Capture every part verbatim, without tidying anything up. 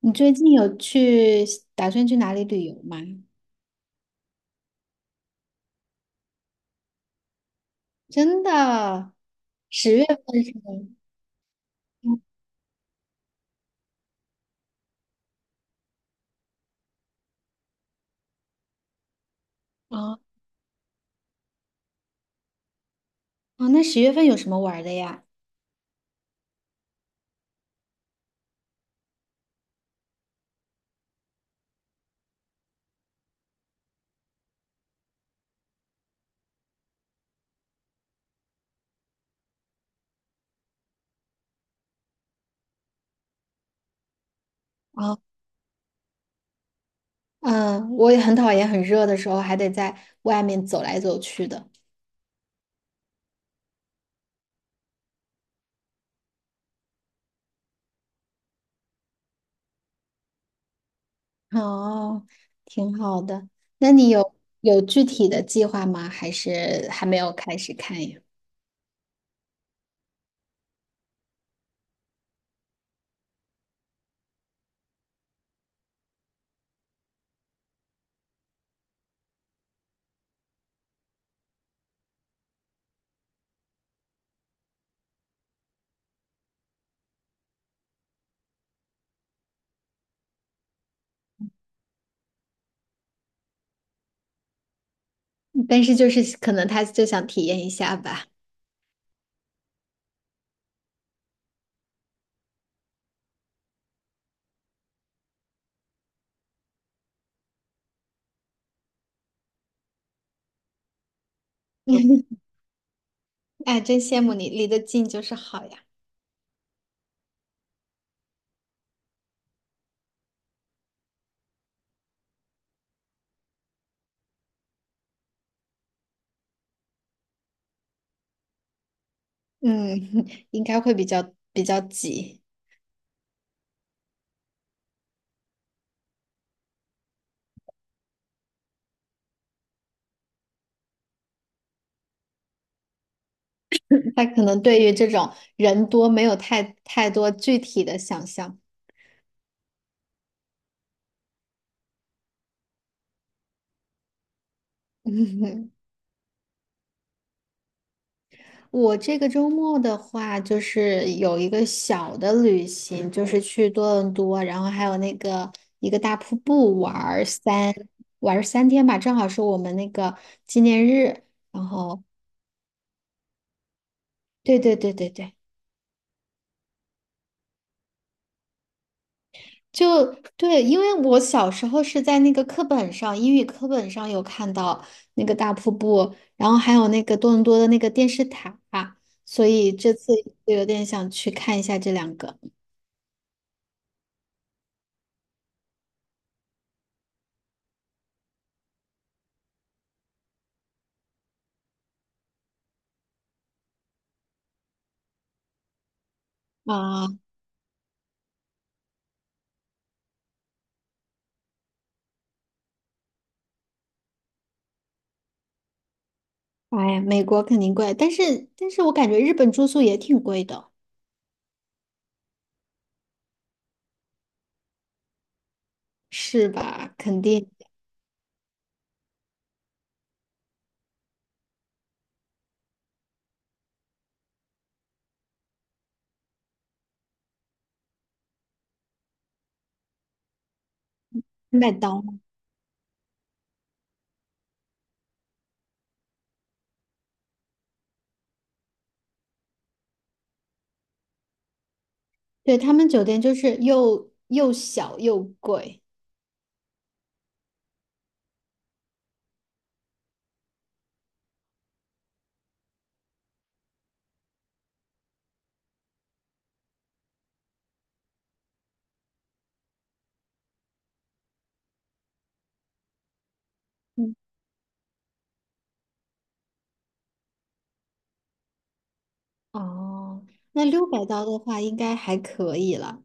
你最近有去打算去哪里旅游吗？真的，十月份是吗？嗯。哦哦，那十月份有什么玩儿的呀？哦，嗯，我也很讨厌很热的时候还得在外面走来走去的。哦，挺好的。那你有有具体的计划吗？还是还没有开始看呀？但是就是可能他就想体验一下吧。哎，真羡慕你，离得近就是好呀。嗯。应该会比较比较急。他可能对于这种人多没有太太多具体的想象。我这个周末的话，就是有一个小的旅行，就是去多伦多，然后还有那个一个大瀑布玩儿三玩儿三天吧，正好是我们那个纪念日。然后，对对对对对，就对，因为我小时候是在那个课本上，英语课本上有看到那个大瀑布，然后还有那个多伦多的那个电视塔，所以这次就有点想去看一下这两个。啊。哎呀，美国肯定贵，但是但是我感觉日本住宿也挺贵的，是吧？肯定。麦当劳。对，他们酒店就是又又小又贵。嗯。哦，那六百刀的话应该还可以了。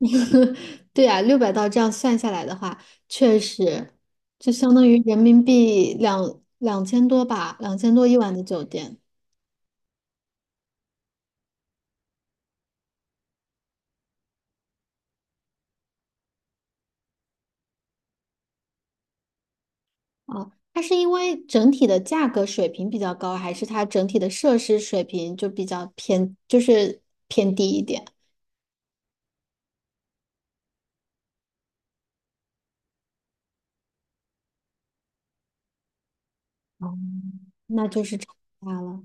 对呀，六百刀这样算下来的话，确实就相当于人民币两两千多吧，两千多一晚的酒店。啊。它是因为整体的价格水平比较高，还是它整体的设施水平就比较偏，就是偏低一点？哦，那就是差大了。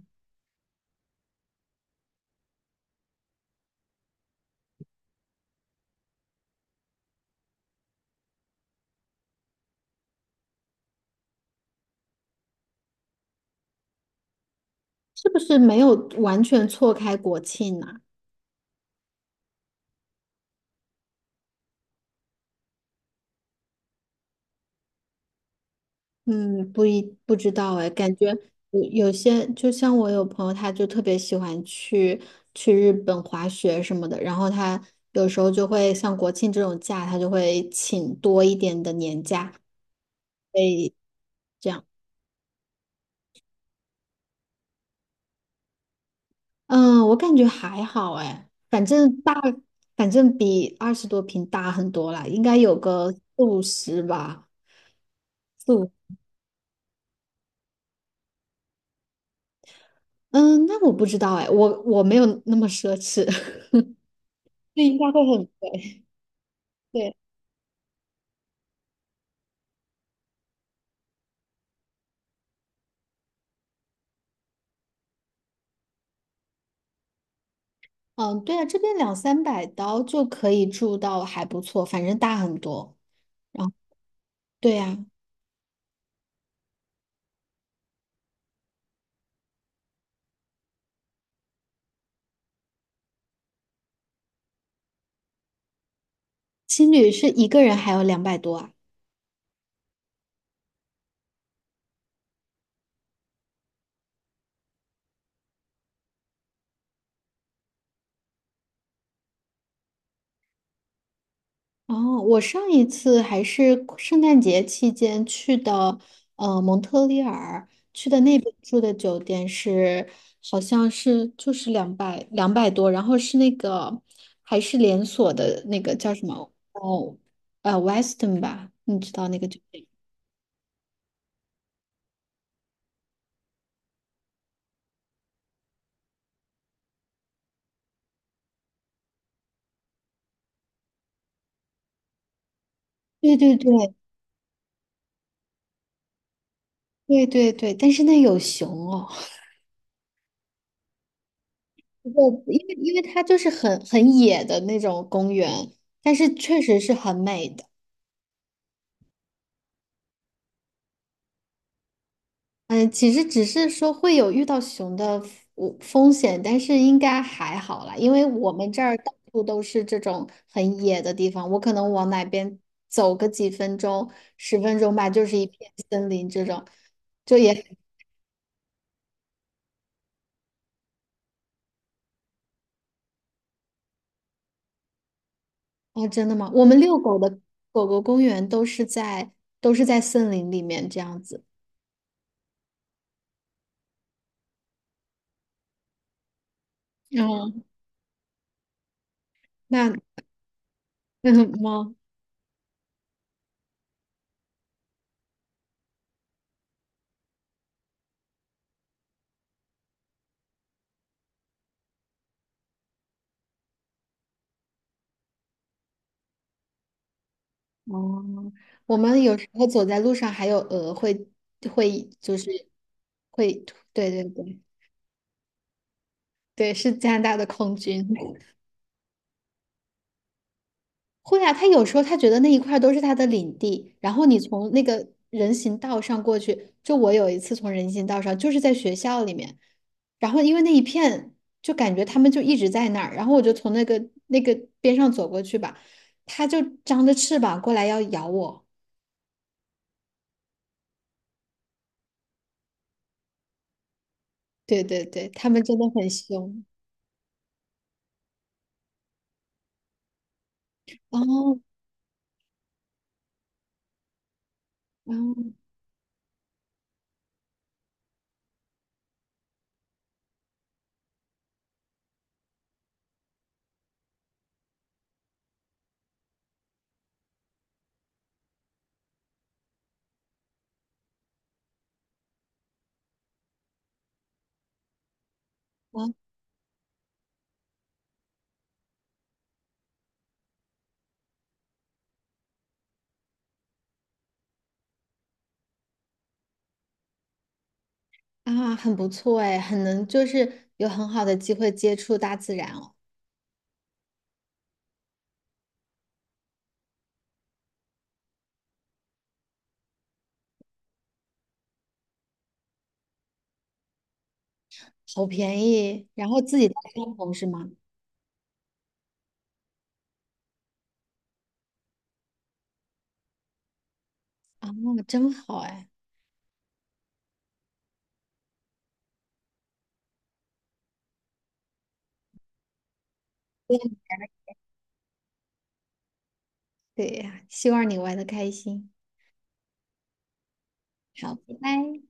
是不是没有完全错开国庆呢？嗯，不一不知道哎，感觉有有些。就像我有朋友，他就特别喜欢去去日本滑雪什么的，然后他有时候就会像国庆这种假，他就会请多一点的年假，会这样。嗯，我感觉还好哎，反正大。反正比二十多平大很多啦，应该有个四五十吧，四五。嗯，那我不知道哎，我我没有那么奢侈。那应该会很贵。对。嗯，对啊，这边两三百刀就可以住到还不错，反正大很多。然后，对呀。青旅是一个人还有两百多啊。哦，我上一次还是圣诞节期间去的。呃，蒙特利尔去的那边住的酒店是。好像是就是两百两百多，然后是那个还是连锁的那个叫什么？哦，呃，Weston 吧，你知道那个酒店。对对对对对对，但是那有熊哦。对，因为因为它就是很很野的那种公园，但是确实是很美的。嗯，其实只是说会有遇到熊的风风险，但是应该还好啦，因为我们这儿到处都是这种很野的地方，我可能往哪边走个几分钟、十分钟吧，就是一片森林这种。就也哦，真的吗？我们遛狗的狗狗公园都是在都是在森林里面这样子。哦，那 那嗯吗？哦，我们有时候走在路上，还有鹅会会就是会，对对对对，是加拿大的空军。会啊，他有时候他觉得那一块儿都是他的领地，然后你从那个人行道上过去。就我有一次从人行道上，就是在学校里面，然后因为那一片，就感觉他们就一直在那儿，然后我就从那个那个边上走过去吧，他就张着翅膀过来要咬我。对对对，他们真的很凶。哦。哦。哇。啊，很不错哎，很能就是有很好的机会接触大自然哦。好便宜，然后自己带帐篷是吗？啊，真好哎。对。对呀，希望你玩的开心。好，拜拜。